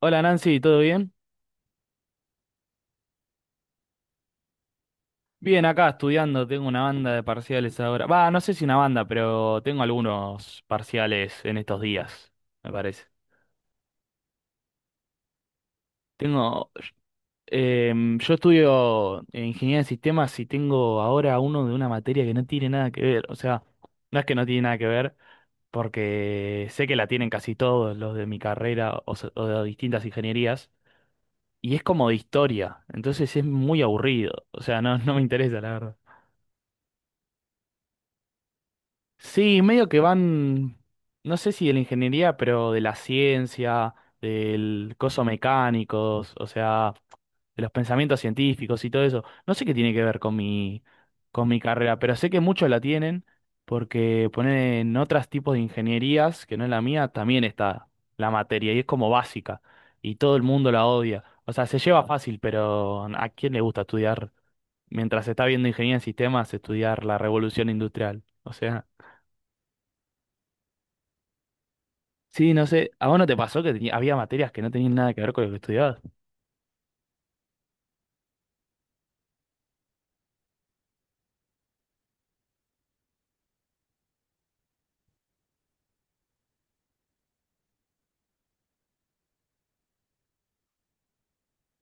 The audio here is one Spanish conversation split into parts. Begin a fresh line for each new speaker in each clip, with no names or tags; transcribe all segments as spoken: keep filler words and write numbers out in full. Hola Nancy, ¿todo bien? Bien, acá estudiando, tengo una banda de parciales ahora. Va, no sé si una banda, pero tengo algunos parciales en estos días, me parece. Tengo, em, yo estudio en ingeniería de sistemas y tengo ahora uno de una materia que no tiene nada que ver. O sea, no es que no tiene nada que ver, porque sé que la tienen casi todos los de mi carrera o, se- o de distintas ingenierías, y es como de historia, entonces es muy aburrido. O sea, no, no me interesa, la verdad. Sí, medio que van, no sé si de la ingeniería, pero de la ciencia, del coso mecánicos, o sea, de los pensamientos científicos y todo eso. No sé qué tiene que ver con mi, con mi carrera, pero sé que muchos la tienen porque ponen otros tipos de ingenierías que no es la mía, también está la materia y es como básica y todo el mundo la odia. O sea, se lleva fácil, pero ¿a quién le gusta estudiar mientras está viendo ingeniería en sistemas, estudiar la revolución industrial? O sea. Sí, no sé, ¿a vos no te pasó que tenía- había materias que no tenían nada que ver con lo que estudiabas?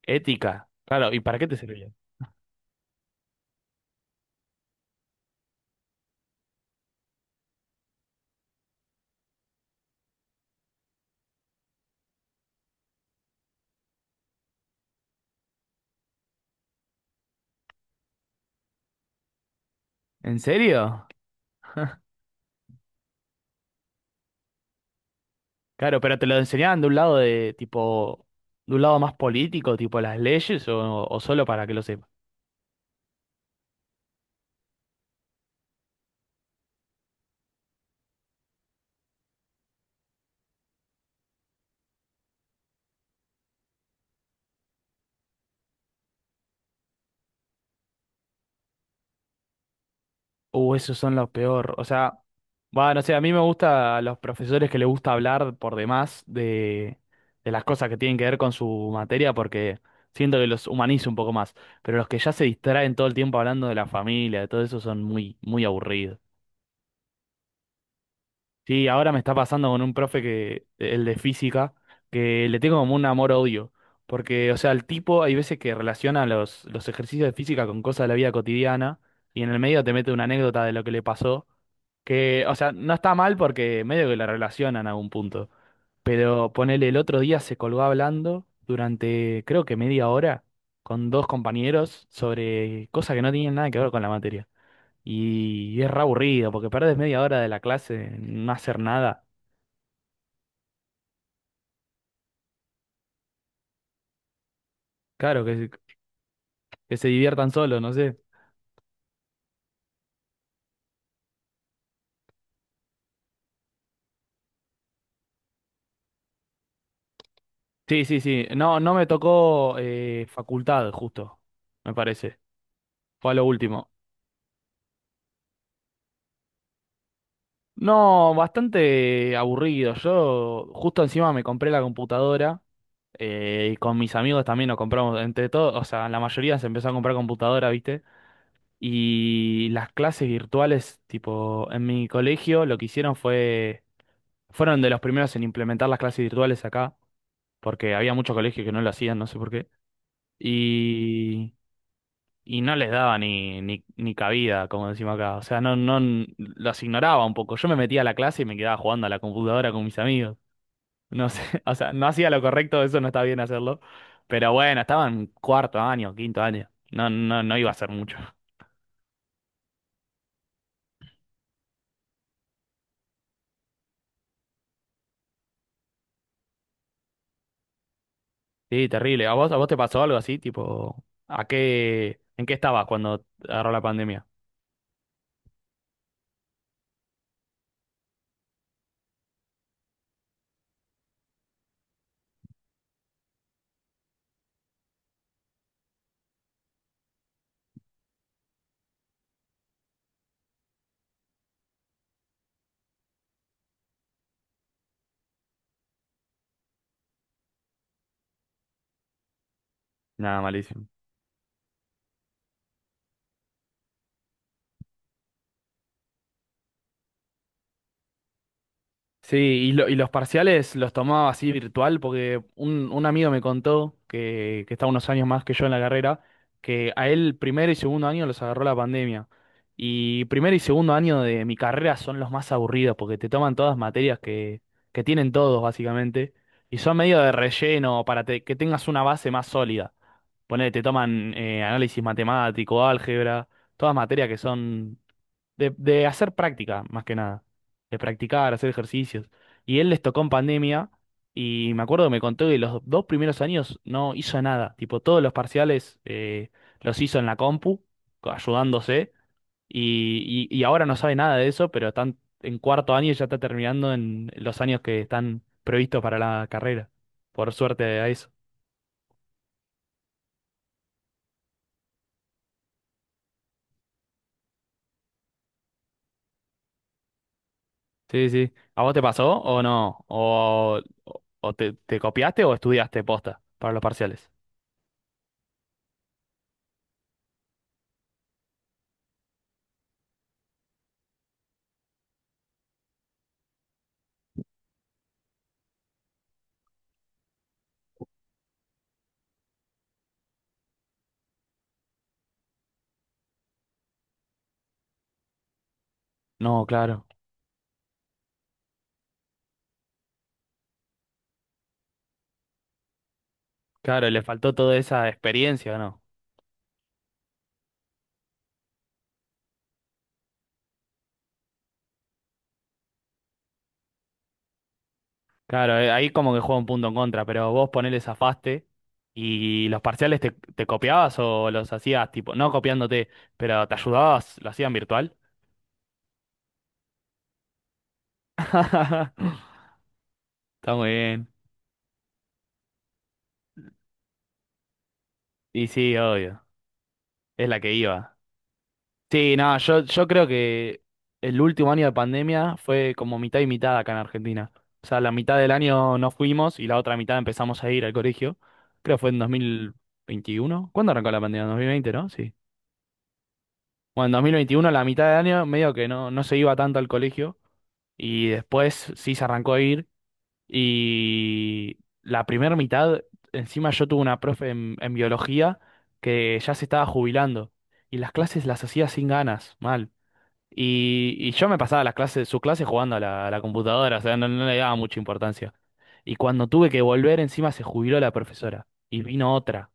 Ética, claro, ¿y para qué te servían? ¿En serio? Claro, pero te lo enseñaban de un lado de tipo, de un lado más político, tipo las leyes, o, o solo para que lo, Uh, esos son los peor. O sea, va, no sé, a mí me gusta a los profesores que les gusta hablar por demás de, de, las cosas que tienen que ver con su materia porque siento que los humaniza un poco más. Pero los que ya se distraen todo el tiempo hablando de la familia, de todo eso, son muy, muy aburridos. Sí, ahora me está pasando con un profe que, el de física, que le tengo como un amor-odio. Porque, o sea, el tipo hay veces que relaciona los, los ejercicios de física con cosas de la vida cotidiana y en el medio te mete una anécdota de lo que le pasó. Que, o sea, no está mal porque medio que la relacionan a un punto. Pero ponele, el otro día se colgó hablando durante creo que media hora con dos compañeros sobre cosas que no tenían nada que ver con la materia. Y es re aburrido porque perdés media hora de la clase en no hacer nada. Claro, que, se- que se diviertan solos, no sé. Sí, sí, sí. No, no me tocó eh, facultad, justo, me parece. Fue a lo último. No, bastante aburrido. Yo justo encima me compré la computadora eh, y con mis amigos también nos compramos, entre todos, o sea, la mayoría se empezó a comprar computadora, ¿viste? Y las clases virtuales, tipo, en mi colegio lo que hicieron fue, fueron de los primeros en implementar las clases virtuales acá, porque había muchos colegios que no lo hacían, no sé por qué. Y y no les daba ni, ni, ni cabida, como decimos acá. O sea, no, no, los ignoraba un poco. Yo me metía a la clase y me quedaba jugando a la computadora con mis amigos. No sé, o sea, no hacía lo correcto, eso no está bien hacerlo. Pero bueno, estaba en cuarto año, quinto año. No, no, no iba a hacer mucho. Sí, terrible. ¿A vos, a vos te pasó algo así? Tipo, ¿a qué, en qué estabas cuando agarró la pandemia? Nada, malísimo. Sí, y, lo- y los parciales los tomaba así virtual porque un, un amigo me contó que, que, está unos años más que yo en la carrera, que a él primer y segundo año los agarró la pandemia. Y primer y segundo año de mi carrera son los más aburridos porque te toman todas materias que, que, tienen todos básicamente y son medio de relleno para te- que tengas una base más sólida. Ponele, te toman eh, análisis matemático, álgebra, todas materias que son de, de hacer práctica, más que nada, de practicar, hacer ejercicios. Y él les tocó en pandemia y me acuerdo que me contó que los dos primeros años no hizo nada, tipo todos los parciales eh, los hizo en la compu, co- ayudándose, y, y, y ahora no sabe nada de eso, pero están en cuarto año y ya está terminando en los años que están previstos para la carrera, por suerte a eso. Sí, sí. ¿A vos te pasó o no? ¿O, o te, te copiaste o estudiaste posta para los parciales? No, claro. Claro, le faltó toda esa experiencia, ¿no? Claro, eh, ahí como que juega un punto en contra, pero vos ponele zafaste y los parciales te, te copiabas o los hacías tipo, no copiándote, pero te ayudabas, lo hacían virtual. Está muy bien. Y sí, obvio, es la que iba. Sí, no, yo, yo creo que el último año de pandemia fue como mitad y mitad acá en Argentina. O sea, la mitad del año no fuimos y la otra mitad empezamos a ir al colegio. Creo que fue en dos mil veintiuno. ¿Cuándo arrancó la pandemia? dos mil veinte, ¿no? Sí. Bueno, en dos mil veintiuno, la mitad de año, medio que no, no se iba tanto al colegio y después sí se arrancó a ir y la primera mitad, encima yo tuve una profe en, en, biología que ya se estaba jubilando y las clases las hacía sin ganas, mal. Y, y yo me pasaba las clases, sus clases jugando a la, a la, computadora, o sea, no, no le daba mucha importancia. Y cuando tuve que volver, encima se jubiló la profesora y vino otra.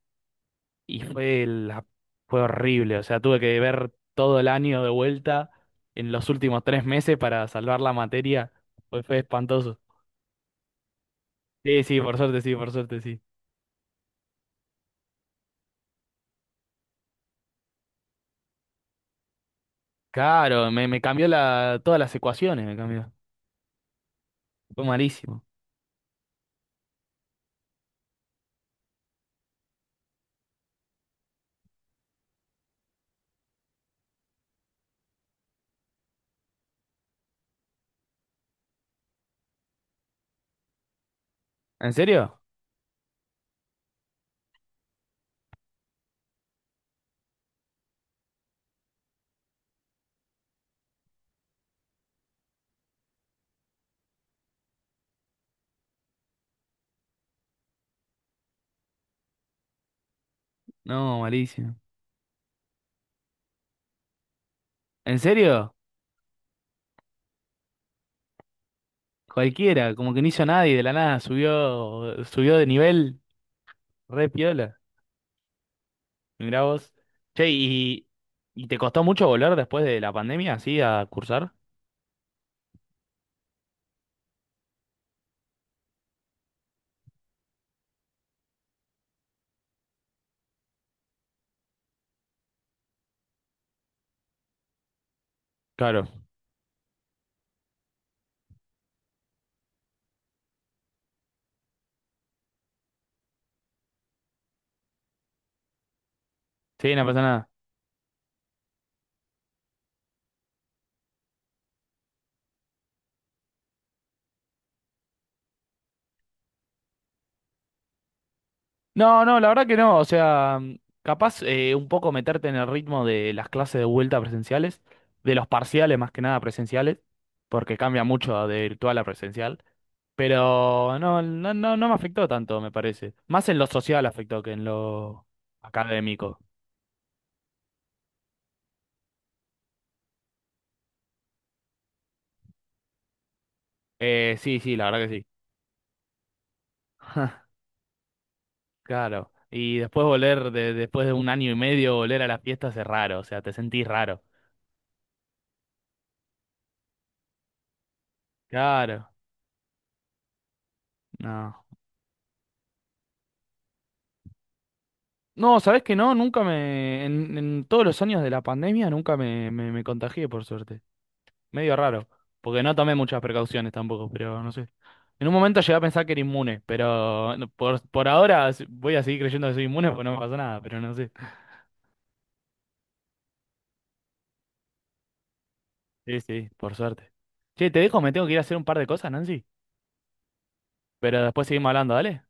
Y fue, la, fue horrible, o sea, tuve que ver todo el año de vuelta en los últimos tres meses para salvar la materia. Fue, fue espantoso. Sí, sí, por suerte, sí, por suerte, sí. Claro, me, me, cambió la, todas las ecuaciones, me cambió. Fue malísimo. ¿En serio? No, malísimo. ¿En serio? Cualquiera, como que no hizo nadie, de la nada subió, subió de nivel, re piola. Mirá vos. Che, ¿y, y te costó mucho volver después de la pandemia, así, a cursar? Claro. Sí, no pasa nada. No, no, la verdad que no. O sea, mm, capaz eh, un poco meterte en el ritmo de las clases de vuelta presenciales, de los parciales más que nada presenciales, porque cambia mucho de virtual a presencial. Pero no, no, no, no me afectó tanto, me parece. Más en lo social afectó que en lo académico. Eh, sí, sí, la verdad que sí. Claro. Y después volver, de, después de un año y medio, volver a las fiestas es raro. O sea, te sentís raro. Claro. No. No, ¿sabés que no? Nunca me. En, en todos los años de la pandemia nunca me, me, me, contagié, por suerte. Medio raro. Porque no tomé muchas precauciones tampoco, pero no sé. En un momento llegué a pensar que era inmune, pero no, por, por ahora s- voy a seguir creyendo que soy inmune porque no me pasó nada, pero no sé. Sí, sí, por suerte. Che, te dejo, me tengo que ir a hacer un par de cosas, Nancy. Pero después seguimos hablando, dale.